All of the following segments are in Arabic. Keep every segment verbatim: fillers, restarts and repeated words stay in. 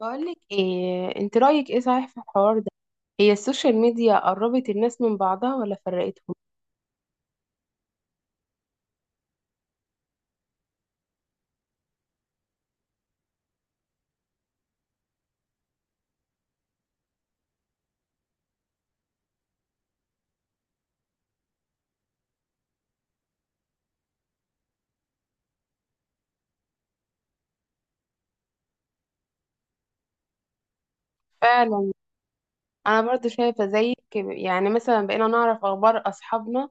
بقولك ايه، انت رأيك ايه صحيح في الحوار ده؟ هي السوشيال ميديا قربت الناس من بعضها ولا فرقتهم؟ فعلا، انا برضو شايفة زيك. يعني مثلا بقينا نعرف اخبار اصحابنا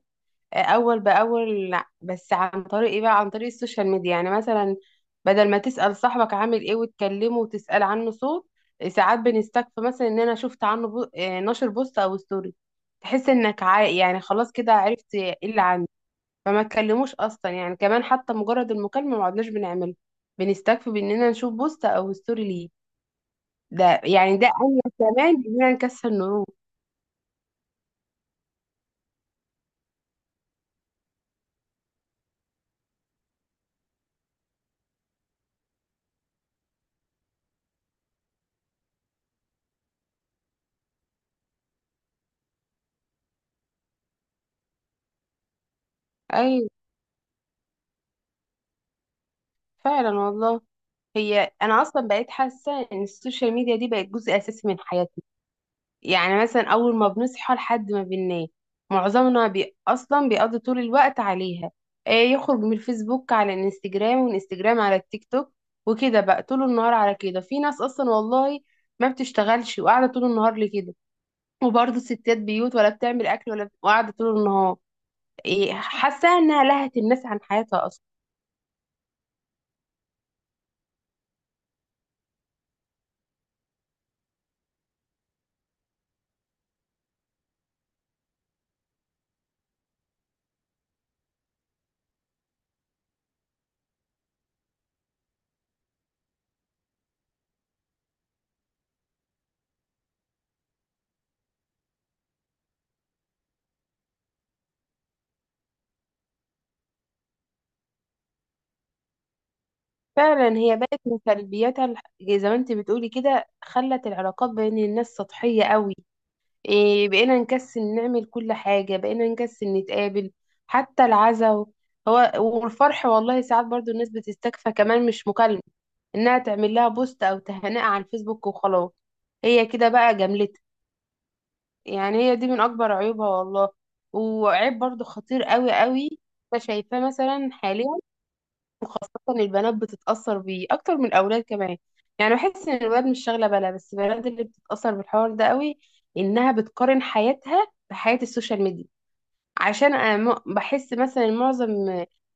آه، اول باول، لا بس عن طريق ايه بقى؟ عن طريق السوشيال ميديا. يعني مثلا بدل ما تسأل صاحبك عامل ايه وتكلمه وتسأل عنه صوت، ساعات بنستكفى مثلا ان انا شفت عنه بو... آه، نشر بوست او ستوري. تحس انك عا... يعني خلاص كده عرفت ايه اللي عنه. فما اتكلموش اصلا، يعني كمان حتى مجرد المكالمه ما عدناش بنعمله، بنستكفي باننا نشوف بوست او ستوري ليه. ده يعني ده انجز كمان اننا نكسر النور. ايوه، فعلا والله. هي انا اصلا بقيت حاسه ان السوشيال ميديا دي بقت جزء اساسي من حياتنا. يعني مثلا اول ما بنصحى لحد ما بننام، معظمنا بي اصلا بيقضي طول الوقت عليها. إيه، يخرج من الفيسبوك على الانستجرام، ومن الانستجرام على التيك توك، وكده بقى طول النهار على كده. في ناس اصلا والله ما بتشتغلش وقاعده طول النهار لكده، وبرضه ستات بيوت ولا بتعمل اكل ولا قاعده طول النهار. إيه، حاسه انها لهت الناس عن حياتها اصلا. فعلا، هي بقت من سلبياتها الح- زي ما انت بتقولي كده، خلت العلاقات بين الناس سطحيه قوي. إيه، بقينا نكسل نعمل كل حاجة، بقينا نكسل نتقابل حتى العزاء هو والفرح. والله ساعات برضو الناس بتستكفى كمان مش مكالمة، انها تعمل لها بوست او تهنئة على الفيسبوك وخلاص. هي كده بقى جملتها. يعني هي دي من اكبر عيوبها والله، وعيب برضو خطير قوي قوي. أنا شايفاه مثلا حاليا اصلا البنات بتتاثر بيه اكتر من الاولاد كمان. يعني بحس ان الولاد مش شاغله بالها، بس البنات اللي بتتاثر بالحوار ده قوي، انها بتقارن حياتها بحياه السوشيال ميديا. عشان انا م- بحس مثلا معظم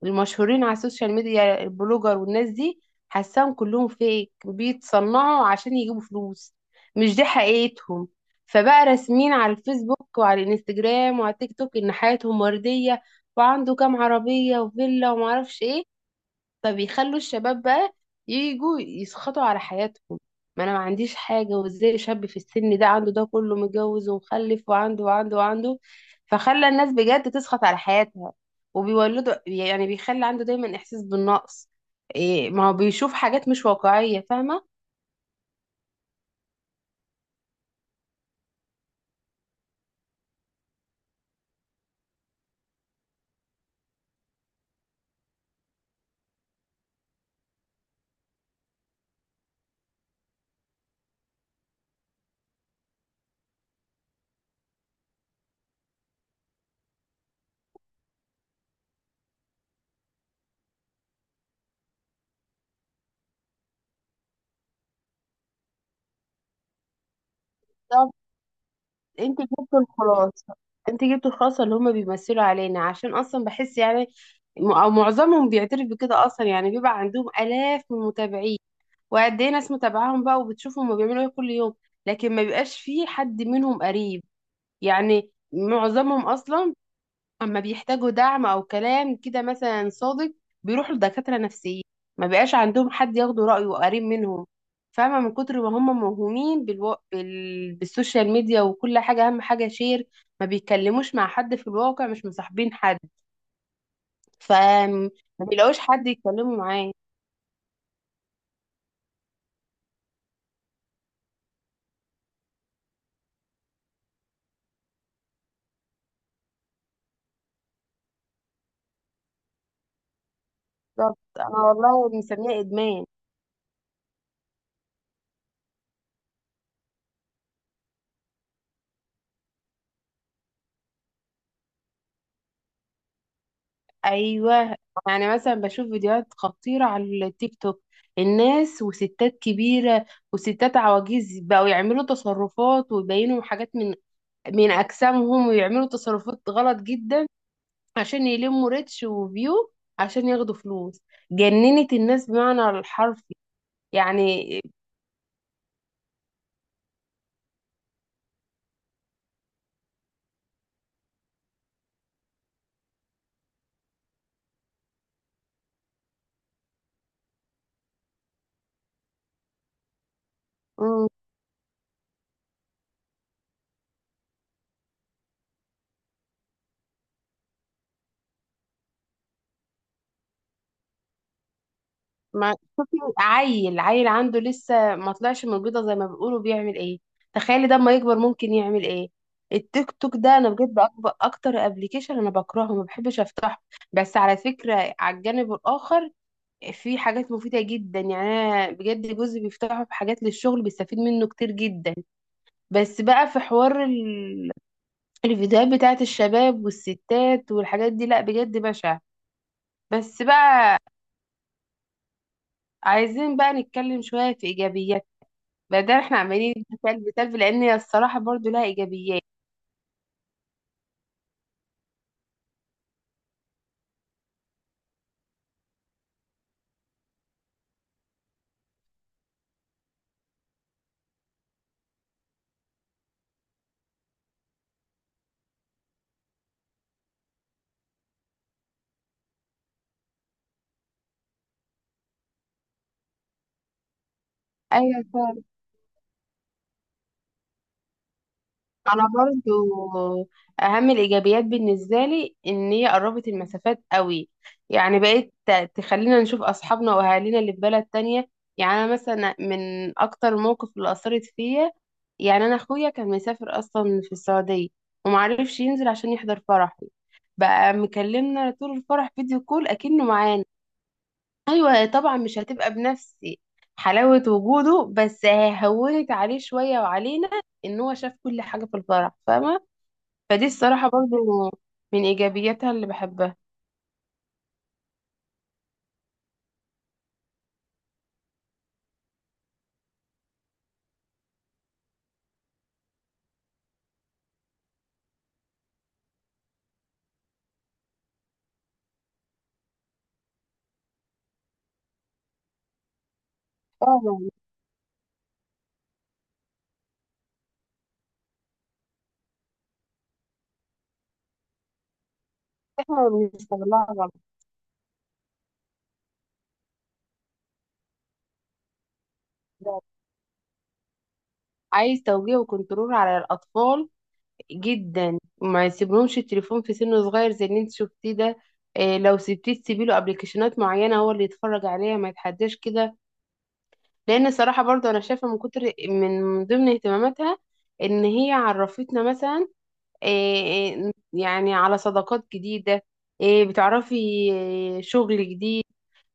المشهورين على السوشيال ميديا، البلوجر والناس دي، حاساهم كلهم فيك بيتصنعوا عشان يجيبوا فلوس، مش دي حقيقتهم. فبقى راسمين على الفيسبوك وعلى الانستجرام وعلى التيك توك ان حياتهم ورديه، وعنده كام عربيه وفيلا ومعرفش ايه. فبيخلوا الشباب بقى يجوا يسخطوا على حياتهم. ما انا ما عنديش حاجه، وازاي شاب في السن ده عنده ده كله، متجوز ومخلف وعنده وعنده وعنده. فخلى الناس بجد تسخط على حياتها، وبيولدوا يعني بيخلي عنده دايما احساس بالنقص. إيه، ما هو بيشوف حاجات مش واقعيه، فاهمه. طب انت جبت الخلاصه، انت جبت الخلاصه. اللي هم بيمثلوا علينا، عشان اصلا بحس يعني م- او معظمهم بيعترف بكده اصلا. يعني بيبقى عندهم الاف من المتابعين، وقد ايه ناس متابعاهم بقى وبتشوفهم هما بيعملوا ايه كل يوم، لكن ما بيبقاش فيه حد منهم قريب. يعني معظمهم اصلا اما بيحتاجوا دعم او كلام كده مثلا صادق، بيروحوا لدكاترة نفسيين، ما بيبقاش عندهم حد ياخدوا رأيه قريب منهم. فاهمة، من كتر ما هم موهومين بالو... بال... بالسوشيال ميديا، وكل حاجة أهم حاجة شير، ما بيتكلموش مع حد في الواقع، مش مصاحبين حد، فما بيلاقوش حد يتكلموا معاه. بالظبط، أنا والله مسميها إدمان. ايوه، يعني مثلا بشوف فيديوهات خطيره على التيك توك، الناس وستات كبيره وستات عواجيز بقوا يعملوا تصرفات ويبينوا حاجات من من اجسامهم، ويعملوا تصرفات غلط جدا عشان يلموا ريتش وفيو، عشان ياخدوا فلوس. جننت الناس بمعنى الحرفي. يعني ما شوفي عيل، عيل عنده لسه ما طلعش من البيضة زي ما بيقولوا بيعمل ايه، تخيلي ده اما يكبر ممكن يعمل ايه. التيك توك ده انا بجد اكبر اكتر ابلكيشن انا بكرهه، ما بحبش افتحه. بس على فكرة على الجانب الاخر في حاجات مفيدة جدا، يعني انا بجد جوزي بيفتحه في حاجات للشغل بيستفيد منه كتير جدا. بس بقى في حوار ال... الفيديوهات بتاعت الشباب والستات والحاجات دي، لا بجد بشع. بس بقى عايزين بقى نتكلم شوية في ايجابيات، بدل احنا عمالين بسلب بسلب، لان هي الصراحه برضو لها ايجابيات. ايوه فعلا، انا برضو اهم الايجابيات بالنسبه لي ان هي قربت المسافات قوي. يعني بقيت ت- تخلينا نشوف اصحابنا واهالينا اللي في بلد تانية. يعني انا مثلا من اكتر الموقف اللي اثرت فيا، يعني انا اخويا كان مسافر اصلا في السعوديه، ومعرفش ينزل عشان يحضر فرحي، بقى مكلمنا طول الفرح فيديو كول اكنه معانا. ايوه طبعا مش هتبقى بنفس حلاوة وجوده، بس ههونت عليه شوية وعلينا ان هو شاف كل حاجة في الفرح، فاهمة. فدي الصراحة برضو من ايجابياتها اللي بحبها. فعلا، احنا بنستغلها غلط. عايز توجيه وكنترول على الاطفال جدا، ما يسيبلهمش التليفون في سن صغير زي اللي انت شفتيه ده. إيه، لو سبتيه تسيبي له ابلكيشنات معينة هو اللي يتفرج عليها، ما يتحداش كده. لان الصراحه برضو انا شايفه من كتر من ضمن اهتماماتها ان هي عرفتنا مثلا إيه، إيه يعني على صداقات جديده، إيه بتعرفي إيه شغل جديد.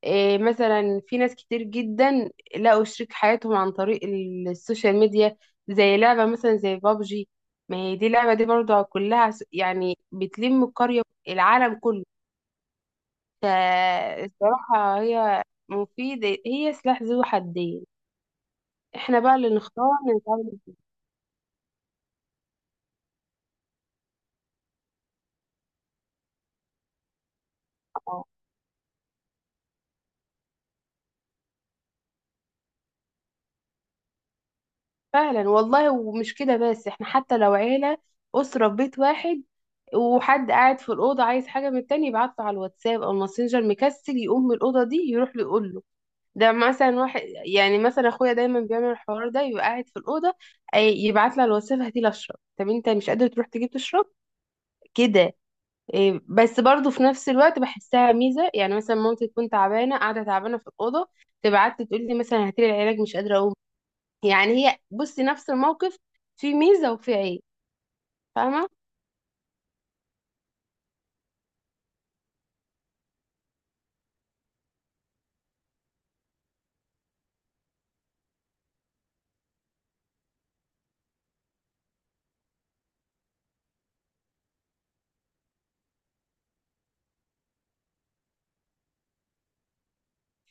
إيه، مثلا في ناس كتير جدا لقوا شريك حياتهم عن طريق ال- السوشيال ميديا. زي لعبه مثلا زي بابجي، ما هي دي لعبه دي برضو كلها س- يعني بتلم القريه، العالم كله. فالصراحه هي مفيده، هي سلاح ذو حدين، احنا بقى اللي نختار نتعامل معاه. فعلا والله. ومش كده بس، احنا حتى لو عيلة، أسرة في بيت واحد، وحد قاعد في الأوضة عايز حاجة من التاني، يبعت له على الواتساب أو الماسنجر، مكسل يقوم من الأوضة دي يروح له يقول له. ده مثلا واحد يعني مثلا أخويا دايما بيعمل الحوار ده، يبقى قاعد في الأوضة، أي- يبعت له على الواتساب هاتيلي أشرب. طب أنت مش قادر تروح تجيب تشرب؟ كده. إيه، بس برضه في نفس الوقت بحسها ميزة. يعني مثلا مامتي تكون تعبانة، قاعدة تعبانة في الأوضة، تبعت لي تقول لي مثلا هاتيلي العلاج مش قادرة أقوم. يعني هي بصي نفس الموقف فيه ميزة وفيه عيب، فاهمة.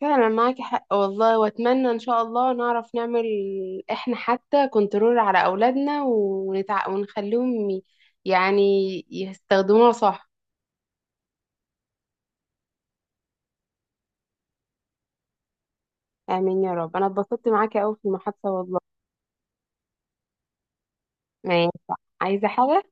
فعلا معاكي حق والله، واتمنى ان شاء الله نعرف نعمل احنا حتى كنترول على اولادنا، ونتع... ونخليهم ي- يعني يستخدموها صح. امين يا رب، انا اتبسطت معاكي قوي في المحادثة والله. ماشي، عايزة حاجة؟